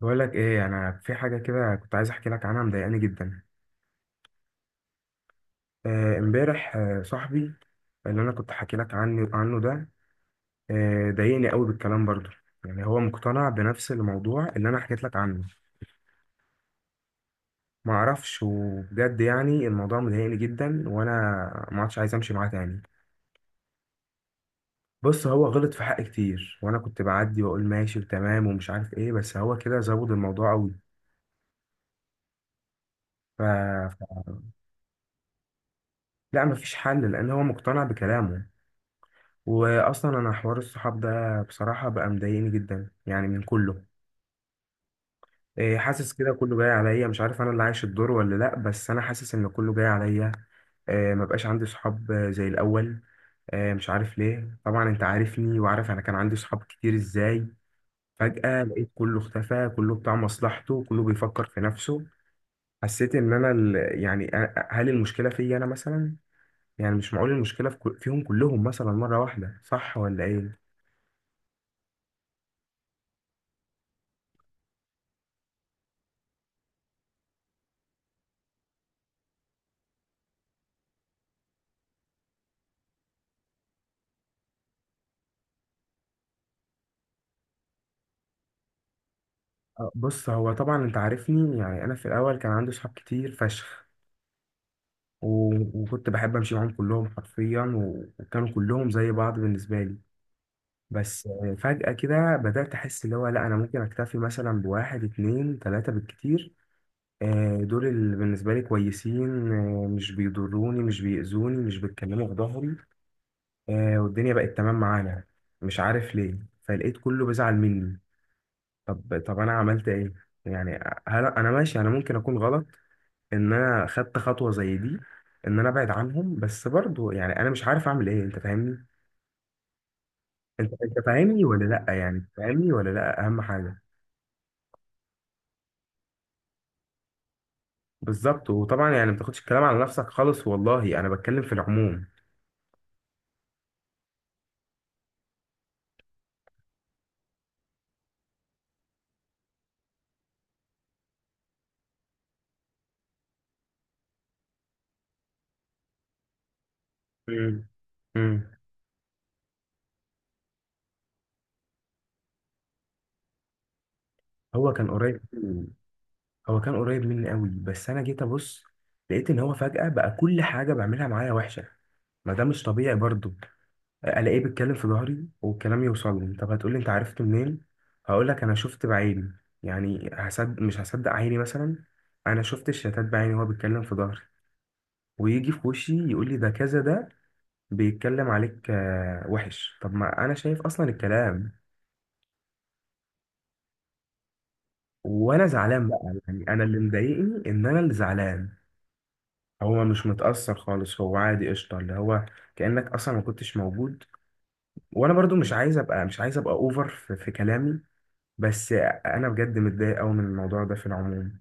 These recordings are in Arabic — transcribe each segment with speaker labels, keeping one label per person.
Speaker 1: بقول لك ايه، انا في حاجه كده كنت عايز احكي لك عنها، مضايقاني جدا. آه، امبارح. آه، صاحبي اللي انا كنت حكي لك عنه ده. آه، ضايقني قوي بالكلام برضه. يعني هو مقتنع بنفس الموضوع اللي انا حكيت لك عنه. ما اعرفش، وبجد يعني الموضوع مضايقني جدا، وانا ما عادش عايز امشي معاه تاني. بص، هو غلط في حقي كتير، وانا كنت بعدي واقول ماشي وتمام ومش عارف ايه، بس هو كده زود الموضوع قوي. ف... ف... لا، مفيش حل لان هو مقتنع بكلامه. واصلا انا حوار الصحاب ده بصراحه بقى مضايقني جدا يعني من كله. إيه، حاسس كده كله جاي عليا، مش عارف انا اللي عايش الدور ولا لا، بس انا حاسس ان كله جاي عليا. آه، ما بقاش عندي صحاب آه، زي الاول. آه، مش عارف ليه، طبعا انت عارفني وعارف انا كان عندي صحاب كتير ازاي. فجأة لقيت كله اختفى، كله بتاع مصلحته، كله بيفكر في نفسه. حسيت ان انا هل المشكلة فيا انا مثلا؟ يعني مش معقول المشكلة في فيهم كلهم مثلا مرة واحدة، صح ولا ايه؟ آه، بص، هو طبعا انت عارفني، يعني انا في الاول كان عندي صحاب كتير فشخ، وكنت بحب امشي معاهم كلهم حرفيا، وكانوا كلهم زي بعض بالنسبه لي. بس آه، فجاه كده بدات احس اللي هو لا، انا ممكن اكتفي مثلا بواحد اتنين تلاته بالكتير. آه، دول اللي بالنسبه لي كويسين، آه، مش بيضروني، مش بيأذوني، مش بيتكلموا في ظهري. آه، والدنيا بقت تمام معانا. مش عارف ليه، فلقيت كله بيزعل مني. طب انا عملت ايه؟ يعني هل انا ماشي؟ انا ممكن اكون غلط ان انا خدت خطوه زي دي، ان انا ابعد عنهم، بس برضو يعني انا مش عارف اعمل ايه، انت فاهمني؟ انت فاهمني ولا لا؟ يعني فاهمني ولا لا، اهم حاجه. بالظبط، وطبعا يعني ما تاخدش الكلام على نفسك خالص، والله انا بتكلم في العموم. مم. مم. هو كان قريب مني- هو كان قريب مني قوي، بس انا جيت ابص لقيت ان هو فجأة بقى كل حاجة بعملها معايا وحشة. ما ده مش طبيعي برضو. الاقيه بيتكلم في ظهري والكلام يوصل لي. طب هتقولي انت عرفت منين؟ هقول لك انا شفت بعيني. يعني هصدق مش هصدق عيني مثلا؟ انا شفت الشتات بعيني وهو بيتكلم في ظهري، ويجي في وشي يقول لي ده كذا، ده بيتكلم عليك آه، وحش. طب ما انا شايف اصلا الكلام، وانا زعلان بقى، يعني انا اللي مضايقني ان انا اللي زعلان، هو مش متأثر خالص، هو عادي قشطة اللي هو كأنك أصلا ما كنتش موجود. وأنا برضو مش عايز أبقى، مش عايز أبقى أوفر في كلامي، بس انا بجد متضايق قوي من الموضوع ده في العموم.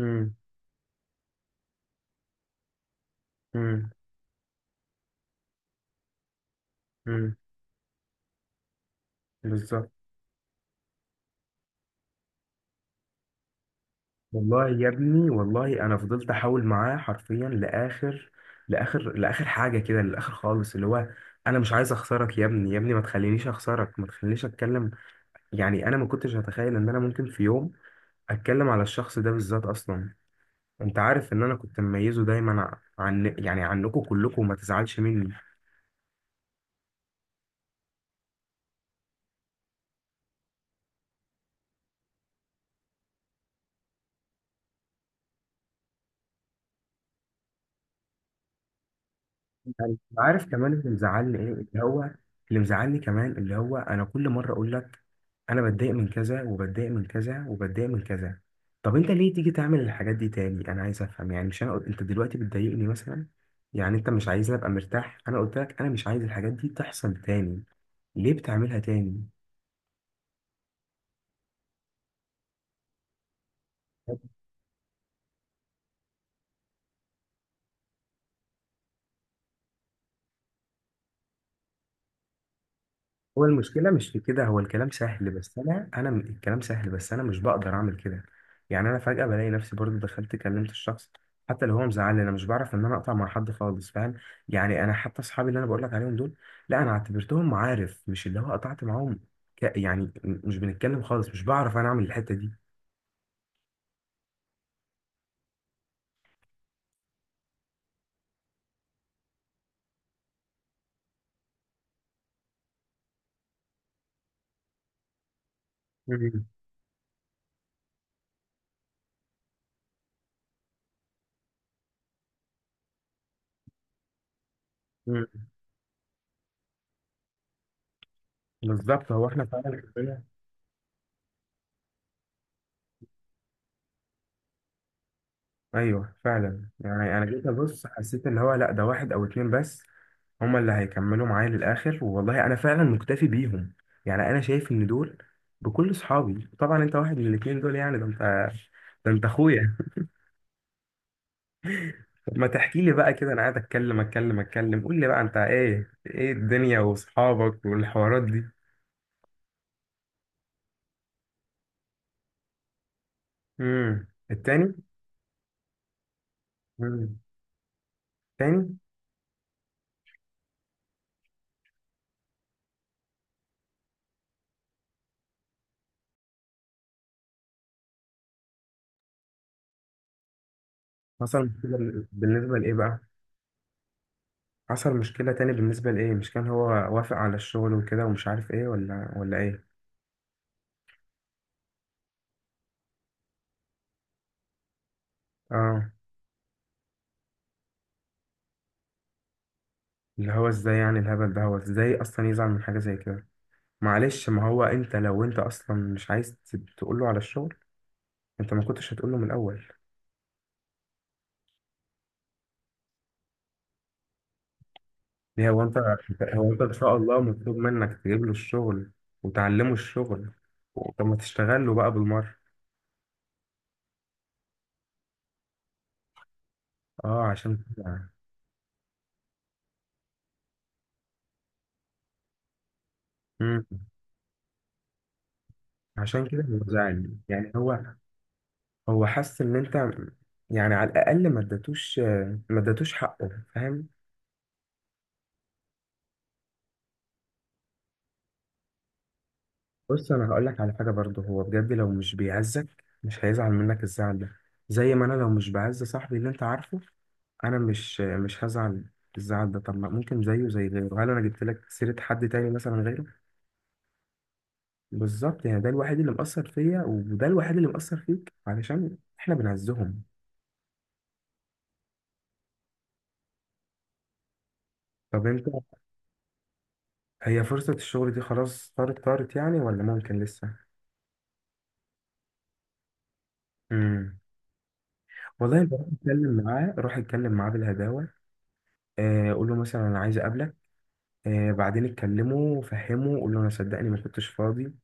Speaker 1: امم. امم. امم. بالظبط. والله يا ابني، والله انا فضلت احاول معاه حرفيا لاخر لاخر لاخر حاجه كده، للاخر خالص، اللي هو انا مش عايز اخسرك يا ابني، يا ابني ما تخلينيش اخسرك، ما تخلينيش اتكلم. يعني انا ما كنتش هتخيل ان انا ممكن في يوم اتكلم على الشخص ده بالذات اصلا. انت عارف ان انا كنت مميزه دايما عن يعني عنكم كلكم، وما تزعلش مني. يعني عارف كمان اللي مزعلني ايه؟ اللي هو اللي مزعلني كمان اللي هو انا كل مره اقول لك انا بتضايق من كذا، وبتضايق من كذا، وبتضايق من كذا. طب انت ليه تيجي تعمل الحاجات دي تاني؟ انا عايز افهم، يعني مش انا انت دلوقتي بتضايقني مثلا. يعني انت مش عايزني ابقى مرتاح؟ انا قلت لك انا مش عايز الحاجات دي تحصل تاني، ليه بتعملها تاني؟ هو المشكلة مش في كده، هو الكلام سهل بس أنا الكلام سهل بس أنا مش بقدر أعمل كده. يعني أنا فجأة بلاقي نفسي برضو دخلت كلمت الشخص. حتى لو هو مزعلني أنا مش بعرف إن أنا أقطع مع حد خالص، فاهم. يعني أنا حتى أصحابي اللي أنا بقول لك عليهم دول، لا أنا اعتبرتهم معارف، مش اللي هو قطعت معاهم. مش بنتكلم خالص، مش بعرف أنا أعمل الحتة دي. مم. مم. بالظبط، هو إحنا فعلا. ايوه فعلا، يعني انا جيت ابص حسيت اللي هو لا، ده واحد او اتنين بس هما اللي هيكملوا معايا للاخر، والله انا فعلا مكتفي بيهم. يعني انا شايف ان دول بكل صحابي، طبعا انت واحد من الاتنين دول، يعني ده انت، ده انت اخويا. طب ما تحكي لي بقى كده، انا قاعد اتكلم اتكلم اتكلم، قول لي بقى انت ايه، ايه الدنيا واصحابك والحوارات دي. امم. التاني. امم. التاني. مثلا. بالنسبه لايه بقى؟ حصل مشكلة تاني بالنسبة لإيه؟ مش كان هو وافق على الشغل وكده ومش عارف إيه ولا إيه؟ آه. اللي هو إزاي يعني الهبل ده، هو إزاي أصلا يزعل من حاجة زي كده؟ معلش، ما هو أنت لو أنت أصلا مش عايز تقول له على الشغل، أنت ما كنتش هتقول له من الأول. ليه هو أنت، هو أنت إن شاء الله مطلوب منك تجيب له الشغل وتعلمه الشغل؟ طب ما تشتغل له بقى بالمرة. آه، عشان كده. مم. عشان كده هو زعل يعني. هو حس ان انت، يعني على الاقل ما اديتوش، ما اديتوش حقه، فاهم؟ بص انا هقول لك على حاجه برضه، هو بجد لو مش بيعزك مش هيزعل منك الزعل ده. زي ما انا لو مش بعز صاحبي اللي انت عارفه، انا مش هزعل الزعل ده. طب ما ممكن زيه زي غيره، هل انا جبت لك سيره حد تاني مثلا غيره؟ بالظبط، يعني ده الوحيد اللي مأثر فيا، وده الوحيد اللي مأثر فيك، علشان احنا بنعزهم. طب انت، هي فرصه الشغل دي خلاص طارت طارت يعني، ولا ممكن لسه؟ والله بروح اتكلم معاه، روح اتكلم معاه بالهداوه. آه، قول له مثلا انا عايز اقابلك. آه، بعدين اتكلمه وفهمه، قول له انا صدقني ما كنتش فاضي.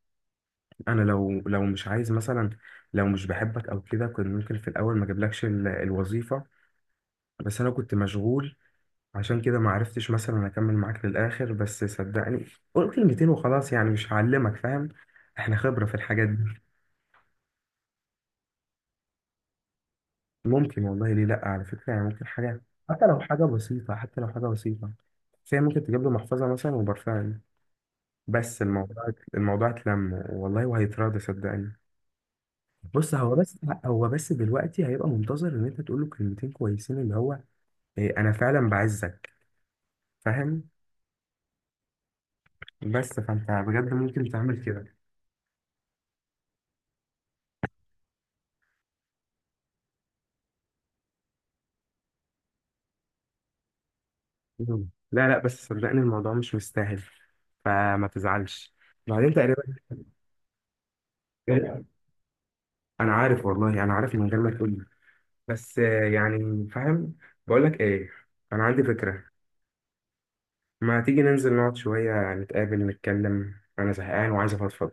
Speaker 1: انا لو مش عايز مثلا، لو مش بحبك او كده، كنت ممكن في الاول ما اجيبلكش الوظيفه. بس انا كنت مشغول، عشان كده ما عرفتش مثلا اكمل معاك للاخر، بس صدقني قول كلمتين وخلاص يعني، مش هعلمك، فاهم؟ احنا خبره في الحاجات دي. ممكن والله، ليه لا، على فكرة يعني ممكن حاجة، حتى لو حاجة بسيطة، حتى لو حاجة بسيطة، فهي ممكن تجيب له محفظة مثلا وبرفان، بس الموضوع، الموضوع اتلم والله وهيتراضى صدقني. بص هو بس هو بس دلوقتي هيبقى منتظر ان انت تقول له كلمتين كويسين اللي هو إيه، انا فعلا بعزك، فاهم؟ بس فانت بجد ممكن تعمل كده. مم. لا لا، بس صدقني الموضوع مش مستاهل، فما تزعلش بعدين تقريبا. إيه، انا عارف، والله انا عارف من غير ما تقول، بس آه، يعني فاهم. بقول لك ايه، انا عندي فكرة. ما تيجي ننزل نقعد شوية، يعني نتقابل نتكلم، انا زهقان وعايز افضفض.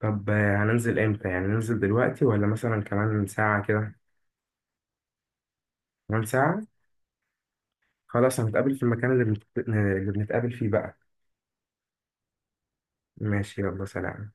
Speaker 1: طب آه، هننزل امتى؟ يعني ننزل دلوقتي ولا مثلا كمان ساعة كده؟ كمان ساعة. خلاص هنتقابل في المكان اللي اللي بنتقابل فيه بقى. ماشي، يلا سلام.